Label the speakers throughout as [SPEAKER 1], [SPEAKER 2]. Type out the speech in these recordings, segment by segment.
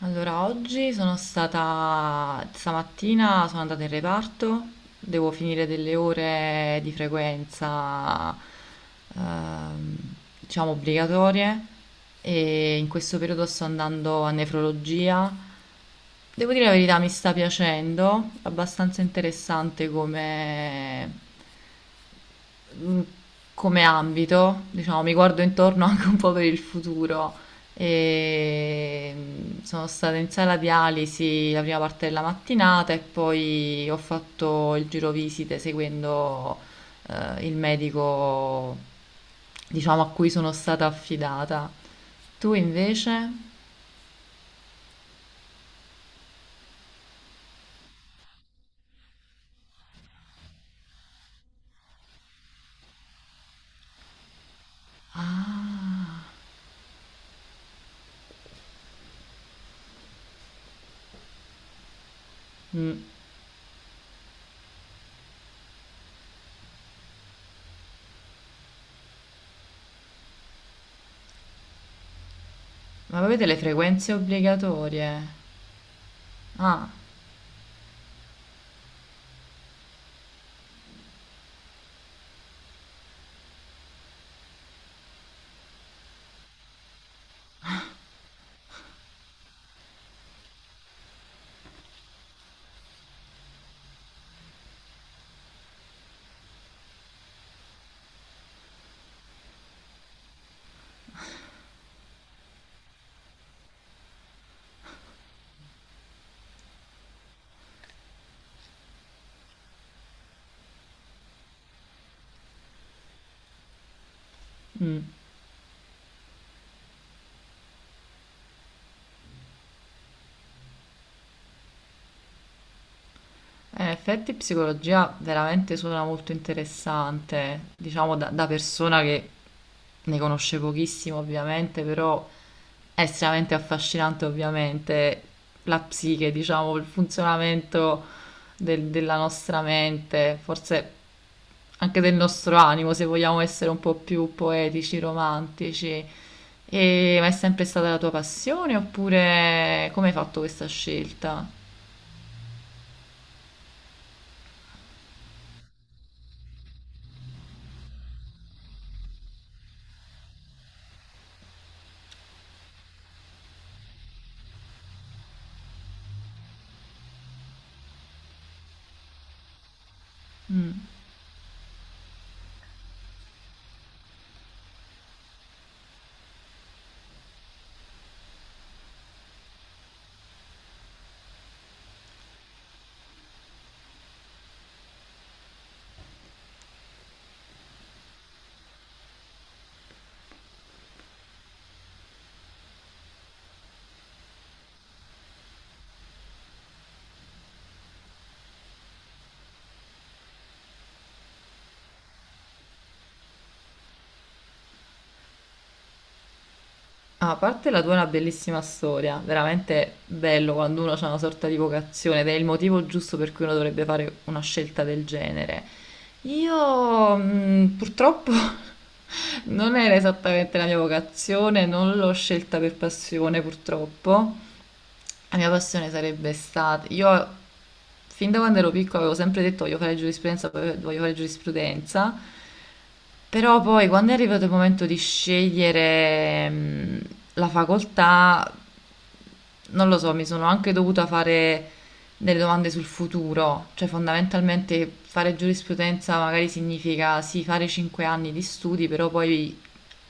[SPEAKER 1] Allora, oggi sono stata, stamattina sono andata in reparto, devo finire delle ore di frequenza, ehm, diciamo, obbligatorie e in questo periodo sto andando a nefrologia. Devo dire la verità, mi sta piacendo, abbastanza interessante come, mh, come ambito, diciamo, mi guardo intorno anche un po' per il futuro. Sono stata in sala dialisi la prima parte della mattinata e poi ho fatto il giro visite seguendo il medico, diciamo, a cui sono stata affidata. Tu invece? Ah. Mm. Ma avete le frequenze obbligatorie? Ah. Mm. In effetti psicologia veramente suona molto interessante, diciamo da, da persona che ne conosce pochissimo ovviamente, però è estremamente affascinante ovviamente la psiche, diciamo, il funzionamento della nostra mente, forse anche del nostro animo, se vogliamo essere un po' più poetici, romantici. E, ma è sempre stata la tua passione oppure come hai fatto questa scelta? Mm. Ah, a parte la tua è una bellissima storia, veramente bello quando uno ha una sorta di vocazione ed è il motivo giusto per cui uno dovrebbe fare una scelta del genere. Io purtroppo non era esattamente la mia vocazione, non l'ho scelta per passione purtroppo. La mia passione sarebbe stata, io fin da quando ero piccola avevo sempre detto: "Voglio fare giurisprudenza, voglio fare giurisprudenza". Però poi quando è arrivato il momento di scegliere, la facoltà, non lo so, mi sono anche dovuta fare delle domande sul futuro, cioè fondamentalmente fare giurisprudenza magari significa sì fare 5 anni di studi, però poi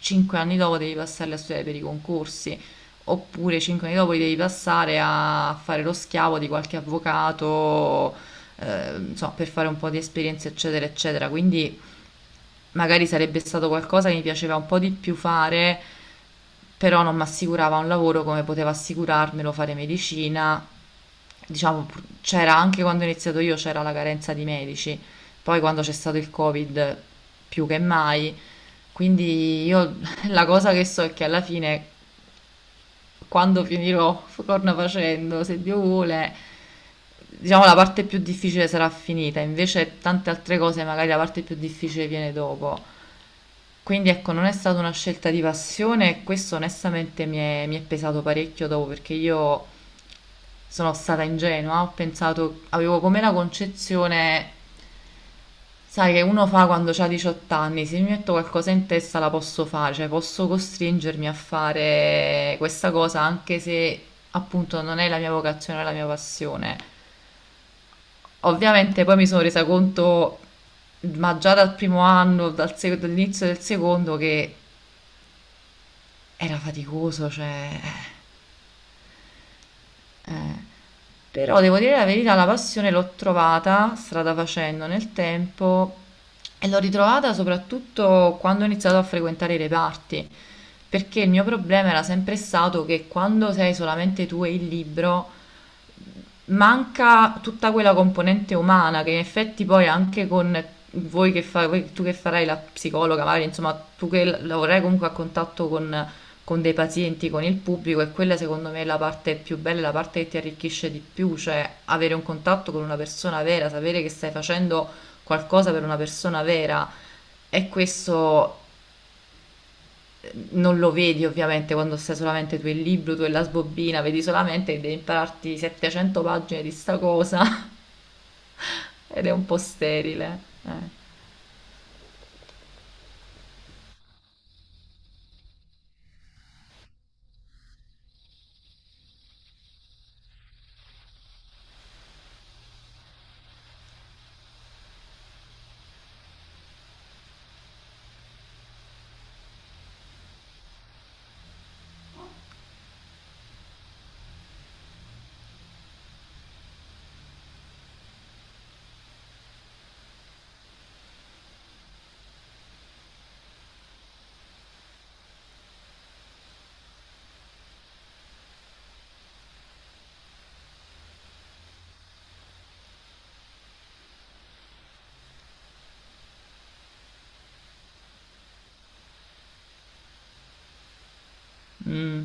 [SPEAKER 1] 5 anni dopo devi passarli a studiare per i concorsi, oppure 5 anni dopo li devi passare a fare lo schiavo di qualche avvocato, insomma, per fare un po' di esperienza, eccetera, eccetera. Quindi magari sarebbe stato qualcosa che mi piaceva un po' di più fare, però non mi assicurava un lavoro come poteva assicurarmelo fare medicina. Diciamo, c'era anche quando ho iniziato io, c'era la carenza di medici, poi quando c'è stato il Covid più che mai. Quindi io la cosa che so è che alla fine, quando finirò, corna facendo, se Dio vuole, diciamo la parte più difficile sarà finita, invece tante altre cose magari la parte più difficile viene dopo. Quindi ecco, non è stata una scelta di passione e questo onestamente mi è pesato parecchio dopo perché io sono stata ingenua, ho pensato, avevo come la concezione, sai, che uno fa quando ha 18 anni, se mi metto qualcosa in testa la posso fare, cioè posso costringermi a fare questa cosa anche se appunto non è la mia vocazione, non è la mia passione. Ovviamente poi mi sono resa conto, ma già dal primo anno, dall'inizio del secondo, che era faticoso, cioè... eh. Però devo dire la verità, la passione l'ho trovata strada facendo nel tempo e l'ho ritrovata soprattutto quando ho iniziato a frequentare i reparti, perché il mio problema era sempre stato che quando sei solamente tu e il libro manca tutta quella componente umana che in effetti poi anche con voi che fa, voi- tu che farai la psicologa, magari insomma tu che lavorerai comunque a contatto con dei pazienti, con il pubblico, e quella secondo me è la parte più bella, la parte che ti arricchisce di più, cioè avere un contatto con una persona vera, sapere che stai facendo qualcosa per una persona vera, e questo non lo vedi ovviamente quando stai solamente tu e il libro, tu e la sbobbina, vedi solamente che devi impararti 700 pagine di sta cosa ed è un po' sterile. Eh. Mm.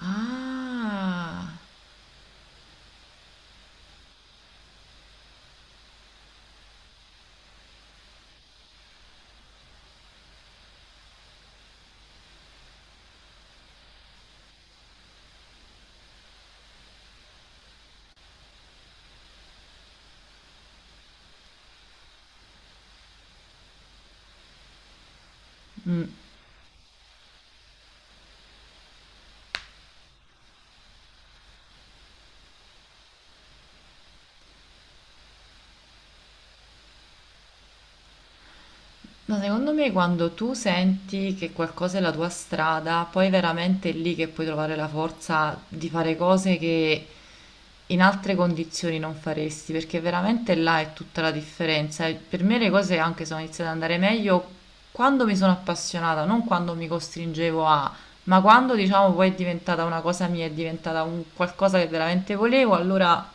[SPEAKER 1] Ah. Mm. Ma secondo me quando tu senti che qualcosa è la tua strada, poi veramente è lì che puoi trovare la forza di fare cose che in altre condizioni non faresti, perché veramente là è tutta la differenza. E per me le cose anche sono iniziate ad andare meglio quando mi sono appassionata, non quando mi costringevo a, ma quando diciamo poi è diventata una cosa mia, è diventata un qualcosa che veramente volevo, allora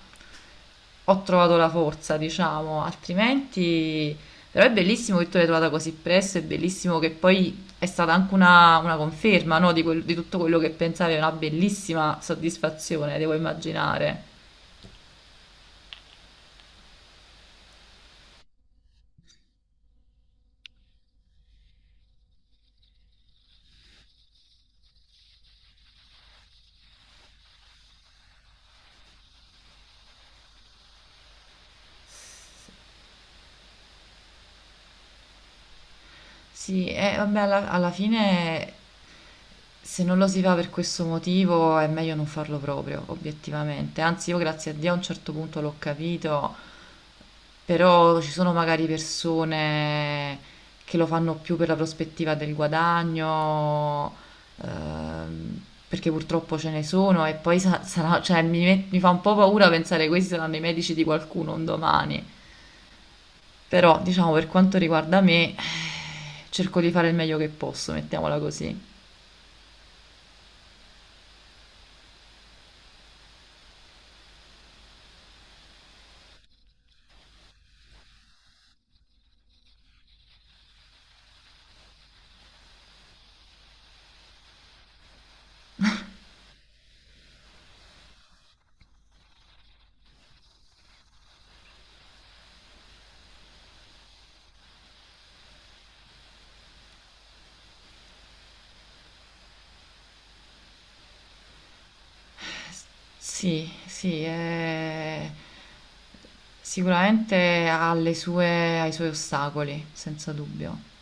[SPEAKER 1] ho trovato la forza, diciamo, altrimenti, però è bellissimo che tu l'hai trovata così presto, è bellissimo che poi è stata anche una conferma, no, di tutto quello che pensavi, è una bellissima soddisfazione, devo immaginare. Sì, e vabbè, alla fine se non lo si fa per questo motivo è meglio non farlo proprio, obiettivamente. Anzi, io grazie a Dio a un certo punto l'ho capito, però ci sono magari persone che lo fanno più per la prospettiva del guadagno, ehm, perché purtroppo ce ne sono e poi sarà, cioè, mi fa un po' paura pensare che questi saranno i medici di qualcuno un domani. Però, diciamo, per quanto riguarda me, cerco di fare il meglio che posso, mettiamola così. Sì, sì, sicuramente ha le sue, ha i suoi ostacoli, senza dubbio.